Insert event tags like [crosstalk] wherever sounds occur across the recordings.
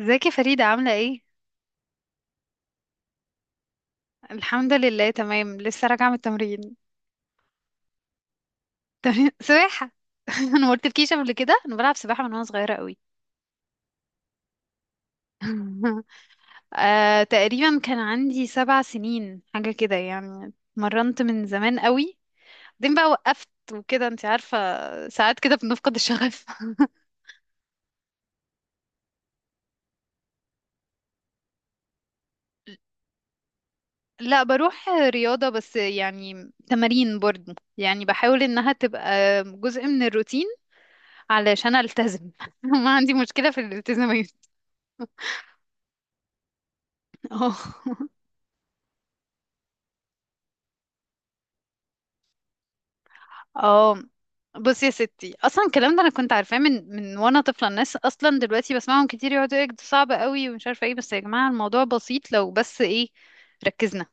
ازيك يا فريدة، عاملة ايه؟ الحمد لله، تمام. لسه راجعة من التمرين. [laughs] سباحة. [laughs] انا ما قلتلكيش قبل كده، انا بلعب سباحة من وانا صغيرة قوي. [laughs] تقريبا كان عندي 7 سنين حاجة كده، يعني مرنت من زمان قوي. بعدين بقى وقفت وكده انت عارفة، ساعات كده بنفقد الشغف. [laughs] لا، بروح رياضة بس، يعني تمارين برضه، يعني بحاول انها تبقى جزء من الروتين علشان التزم. [laughs] ما عندي مشكلة في الالتزامات. [laughs] اه، اه، بصي يا ستي، اصلا الكلام ده انا كنت عارفاه من وانا طفله. الناس اصلا دلوقتي بسمعهم كتير يقعدوا يقولوا ده صعب قوي ومش عارفه ايه، بس يا جماعه الموضوع بسيط لو بس ايه، ركزنا.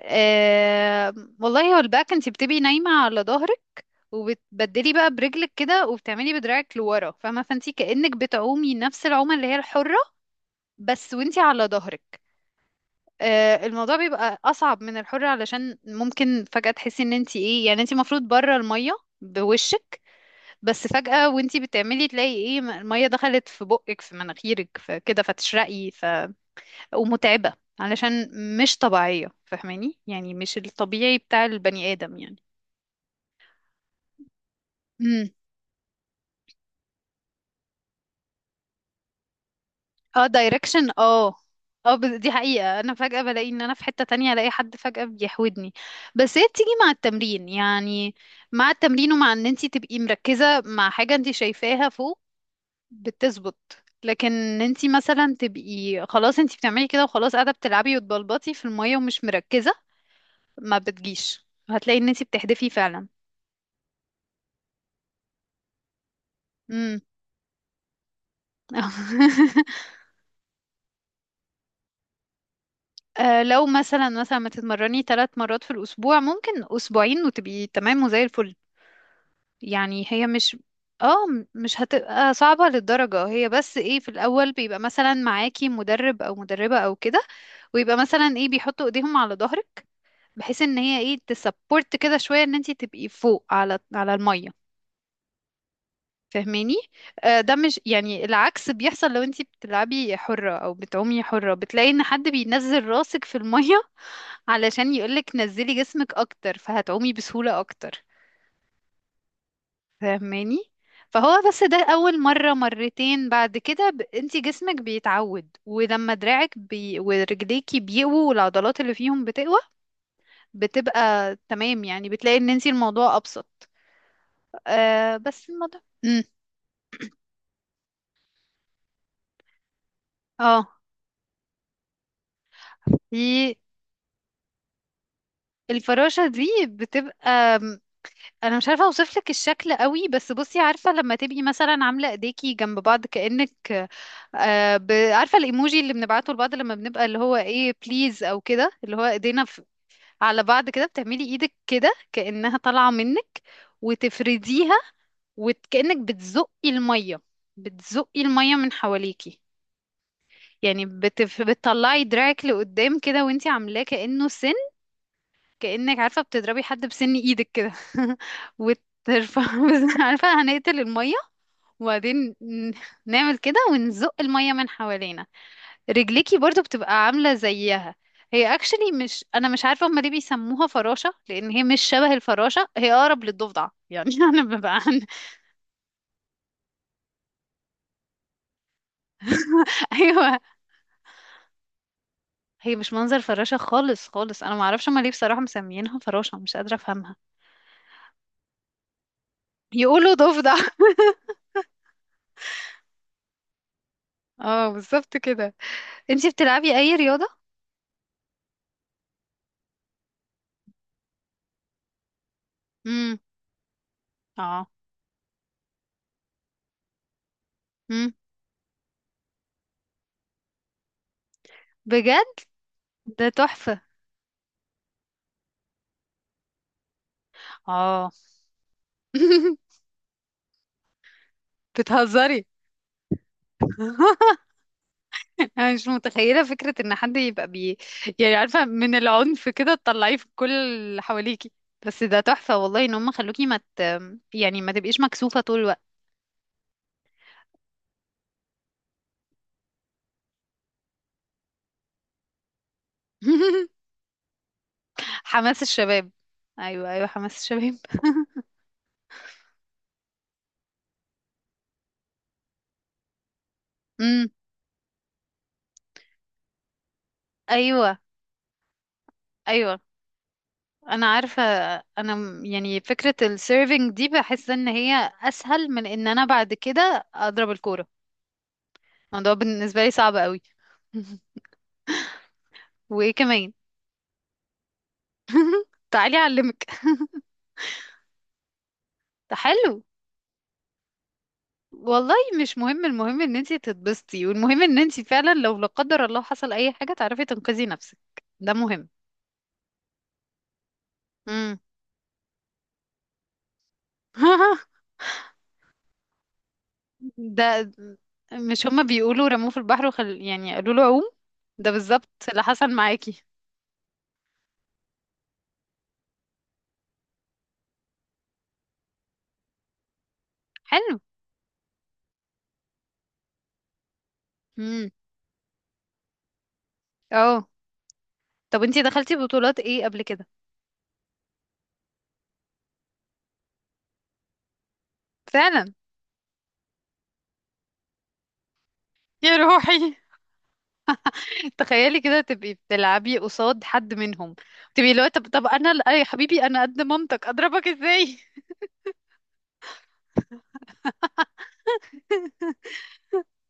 آه. والله هو الباك انت بتبقي نايمه على ظهرك، وبتبدلي بقى برجلك كده، وبتعملي بدراعك لورا، فاهمه؟ فانت كانك بتعومي نفس العومه اللي هي الحره، بس وانت على ظهرك. الموضوع بيبقى اصعب من الحر، علشان ممكن فجأة تحسي ان انت ايه، يعني انت المفروض بره المية بوشك، بس فجأة وانتي بتعملي تلاقي ايه المية دخلت في بقك في مناخيرك، فكده فتشرقي ومتعبة، علشان مش طبيعية. فاهماني؟ يعني مش الطبيعي بتاع البني آدم يعني. امم. اه، دايركشن، اه. اه، بس دي حقيقة، انا فجأة بلاقي ان انا في حتة تانية، الاقي حد فجأة بيحودني، بس هي بتيجي مع التمرين يعني. مع التمرين ومع ان انتي تبقي مركزة مع حاجة انتي شايفاها فوق بتظبط. لكن انتي مثلا تبقي خلاص انتي بتعملي كده وخلاص، قاعده بتلعبي وتبلبطي في الميه ومش مركزه، ما بتجيش. هتلاقي ان انتي بتحدفي فعلا. امم. [laughs] لو مثلا ما تتمرني 3 مرات في الاسبوع، ممكن اسبوعين وتبقي تمام وزي الفل. يعني هي مش، اه مش هتبقى صعبة للدرجة. هي بس ايه، في الأول بيبقى مثلا معاكي مدرب أو مدربة أو كده، ويبقى مثلا ايه بيحطوا ايديهم على ظهرك بحيث ان هي ايه تسبورت كده شويه ان انت تبقي فوق على الميه. فاهماني؟ ده مش يعني العكس بيحصل لو انت بتلعبي حره او بتعومي حره، بتلاقي ان حد بينزل راسك في الميه [laughs] علشان يقولك نزلي جسمك اكتر فهتعومي بسهوله اكتر. فاهماني؟ فهو بس ده اول مره مرتين بعد كده انت جسمك بيتعود، ولما دراعك ورجليكي بيقووا والعضلات اللي فيهم بتقوى بتبقى تمام. يعني بتلاقي ان انت الموضوع ابسط. آه بس الموضوع امم. اه. دي الفراشة دي بتبقى انا مش عارفة اوصف لك الشكل قوي، بس بصي، عارفة لما تبقي مثلا عاملة ايديكي جنب بعض كأنك، آه عارفة الايموجي اللي بنبعته لبعض لما بنبقى اللي هو ايه بليز او كده اللي هو ايدينا على بعض كده، بتعملي ايدك كده كأنها طالعة منك وتفرديها، وكأنك بتزقي المية، بتزقي المية من حواليكي. يعني بتطلعي دراعك لقدام كده وانتي عاملاه كأنه سن، كأنك عارفة بتضربي حد بسن ايدك كده [laughs] وترفع [laughs] عارفة هنقتل المية، وبعدين نعمل كده ونزق المية من حوالينا. رجليكي برضو بتبقى عاملة زيها. هي اكشلي، مش انا مش عارفة هما ليه بيسموها فراشة، لان هي مش شبه الفراشة، هي اقرب للضفدع يعني [laughs] انا ببقى [laughs] ايوه، هي مش منظر فراشة خالص خالص، انا معرفش هما ليه بصراحة مسميينها فراشة، مش قادرة افهمها. يقولوا ضفدع. [laughs] اه، بالظبط كده. انتي بتلعبي اي رياضة؟ امم. اه. امم. بجد؟ ده تحفة. اه. [laughs] بتهزري؟ [laughs] انا مش متخيلة فكرة ان حد يبقى بي، يعني عارفة من العنف كده تطلعيه في كل اللي حواليكي. بس ده تحفة والله ان هم خلوكي ما مت... يعني ما تبقيش مكسوفة طول الوقت. [laughs] حماس الشباب. ايوه، ايوه، حماس الشباب. [laughs] امم. ايوه، ايوه. انا عارفه، انا يعني فكره السيرفينج دي بحس ان هي اسهل من ان انا بعد كده اضرب الكوره. الموضوع بالنسبه لي صعب قوي. [laughs] وايه كمان؟ تعالي اعلمك. [laughs] ده حلو والله. مش مهم، المهم ان انتي تتبسطي، والمهم ان انتي فعلا لو لا قدر الله حصل اي حاجه تعرفي تنقذي نفسك. ده مهم. امم. [laughs] ده مش هما بيقولوا رموه في البحر يعني قالوا له عوم؟ ده بالظبط اللي حصل معاكي. حلو. امم. اه. طب انتي دخلتي بطولات ايه قبل كده؟ فعلا. يا روحي. [laughs] تخيلي كده تبقي بتلعبي قصاد حد منهم. تبقي اللي هو طب انا يا حبيبي انا قد مامتك اضربك ازاي؟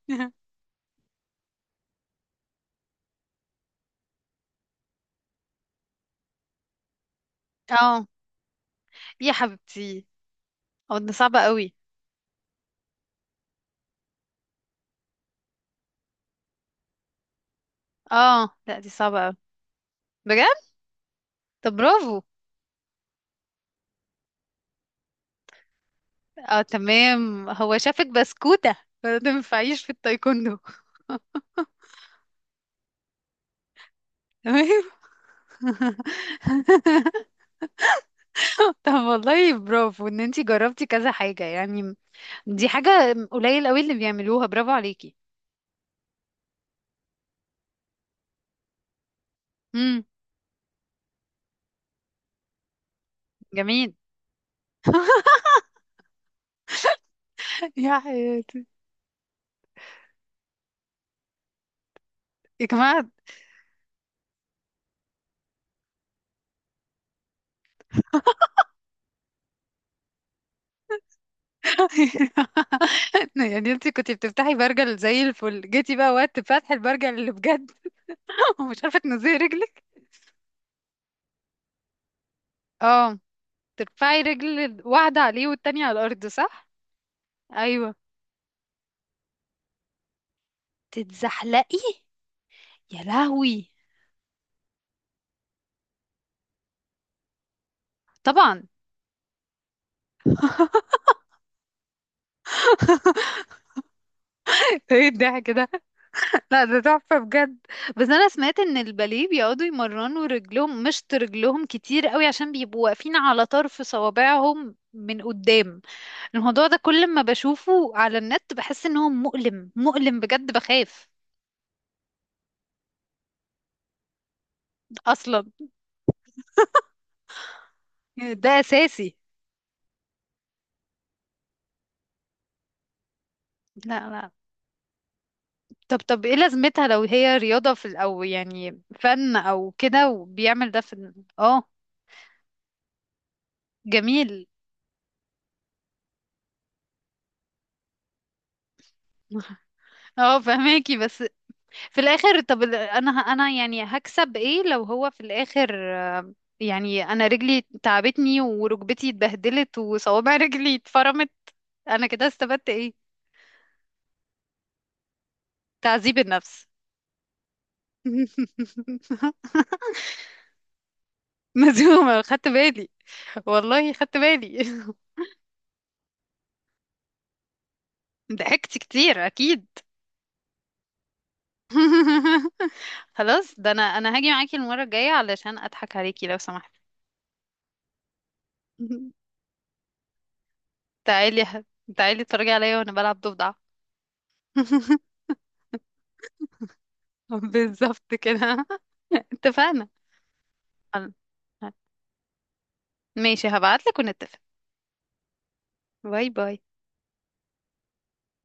[laughs] اه. يا حبيبتي، او ده صعبة قوي. اه، لا دي صعبة قوي. بجد. طب برافو. اه، تمام، هو شافك بسكوتة فما تنفعيش في التايكوندو. [laughs] تمام. [laughs] طب والله برافو ان انتي جربتي كذا حاجة يعني. دي حاجة قليل قوي اللي بيعملوها، برافو عليكي. امم. جميل. [laughs] يا حياتي. يا جماعة. [laughs] يعني انتي كنتي بتفتحي برجل زي الفل، جيتي بقى وقت فتح البرجل اللي بجد [laughs] ومش عارفة تنزلي رجلك. اه. ترفعي رجل واحدة عليه والتانية على الأرض، صح؟ أيوة. تتزحلقي. يا لهوي. طبعا. [laughs] ايه الضحك ده؟ لا ده تحفة بجد. بس انا سمعت ان الباليه بيقعدوا يمرنوا رجلهم مشط رجلهم كتير قوي، عشان بيبقوا واقفين على طرف صوابعهم من قدام. الموضوع ده كل ما بشوفه على النت بحس ان هو مؤلم، مؤلم بجد، بخاف. اصلا. ده اساسي. لا، لا. طب ايه لازمتها لو هي رياضة في او يعني فن او كده وبيعمل ده في؟ اه. جميل. [laughs] اه، فهماكي. بس في الاخر طب انا يعني هكسب ايه لو هو في الاخر، يعني انا رجلي تعبتني وركبتي اتبهدلت وصوابع [laughs] رجلي اتفرمت، انا كده استفدت ايه؟ تعذيب النفس. [laughs] مزومة، خدت بالي. والله خدت بالي. [laughs] ضحكت كتير اكيد. [laughs] خلاص، ده انا هاجي معاكي المرة الجاية علشان اضحك عليكي لو سمحتي. [laughs] تعالي يا تعالي اتفرجي عليا وانا بلعب ضفدع. [laughs] بالظبط كده. [laughs] اتفقنا. خل- ماشي، هبعتلك ونتفق. باي باي.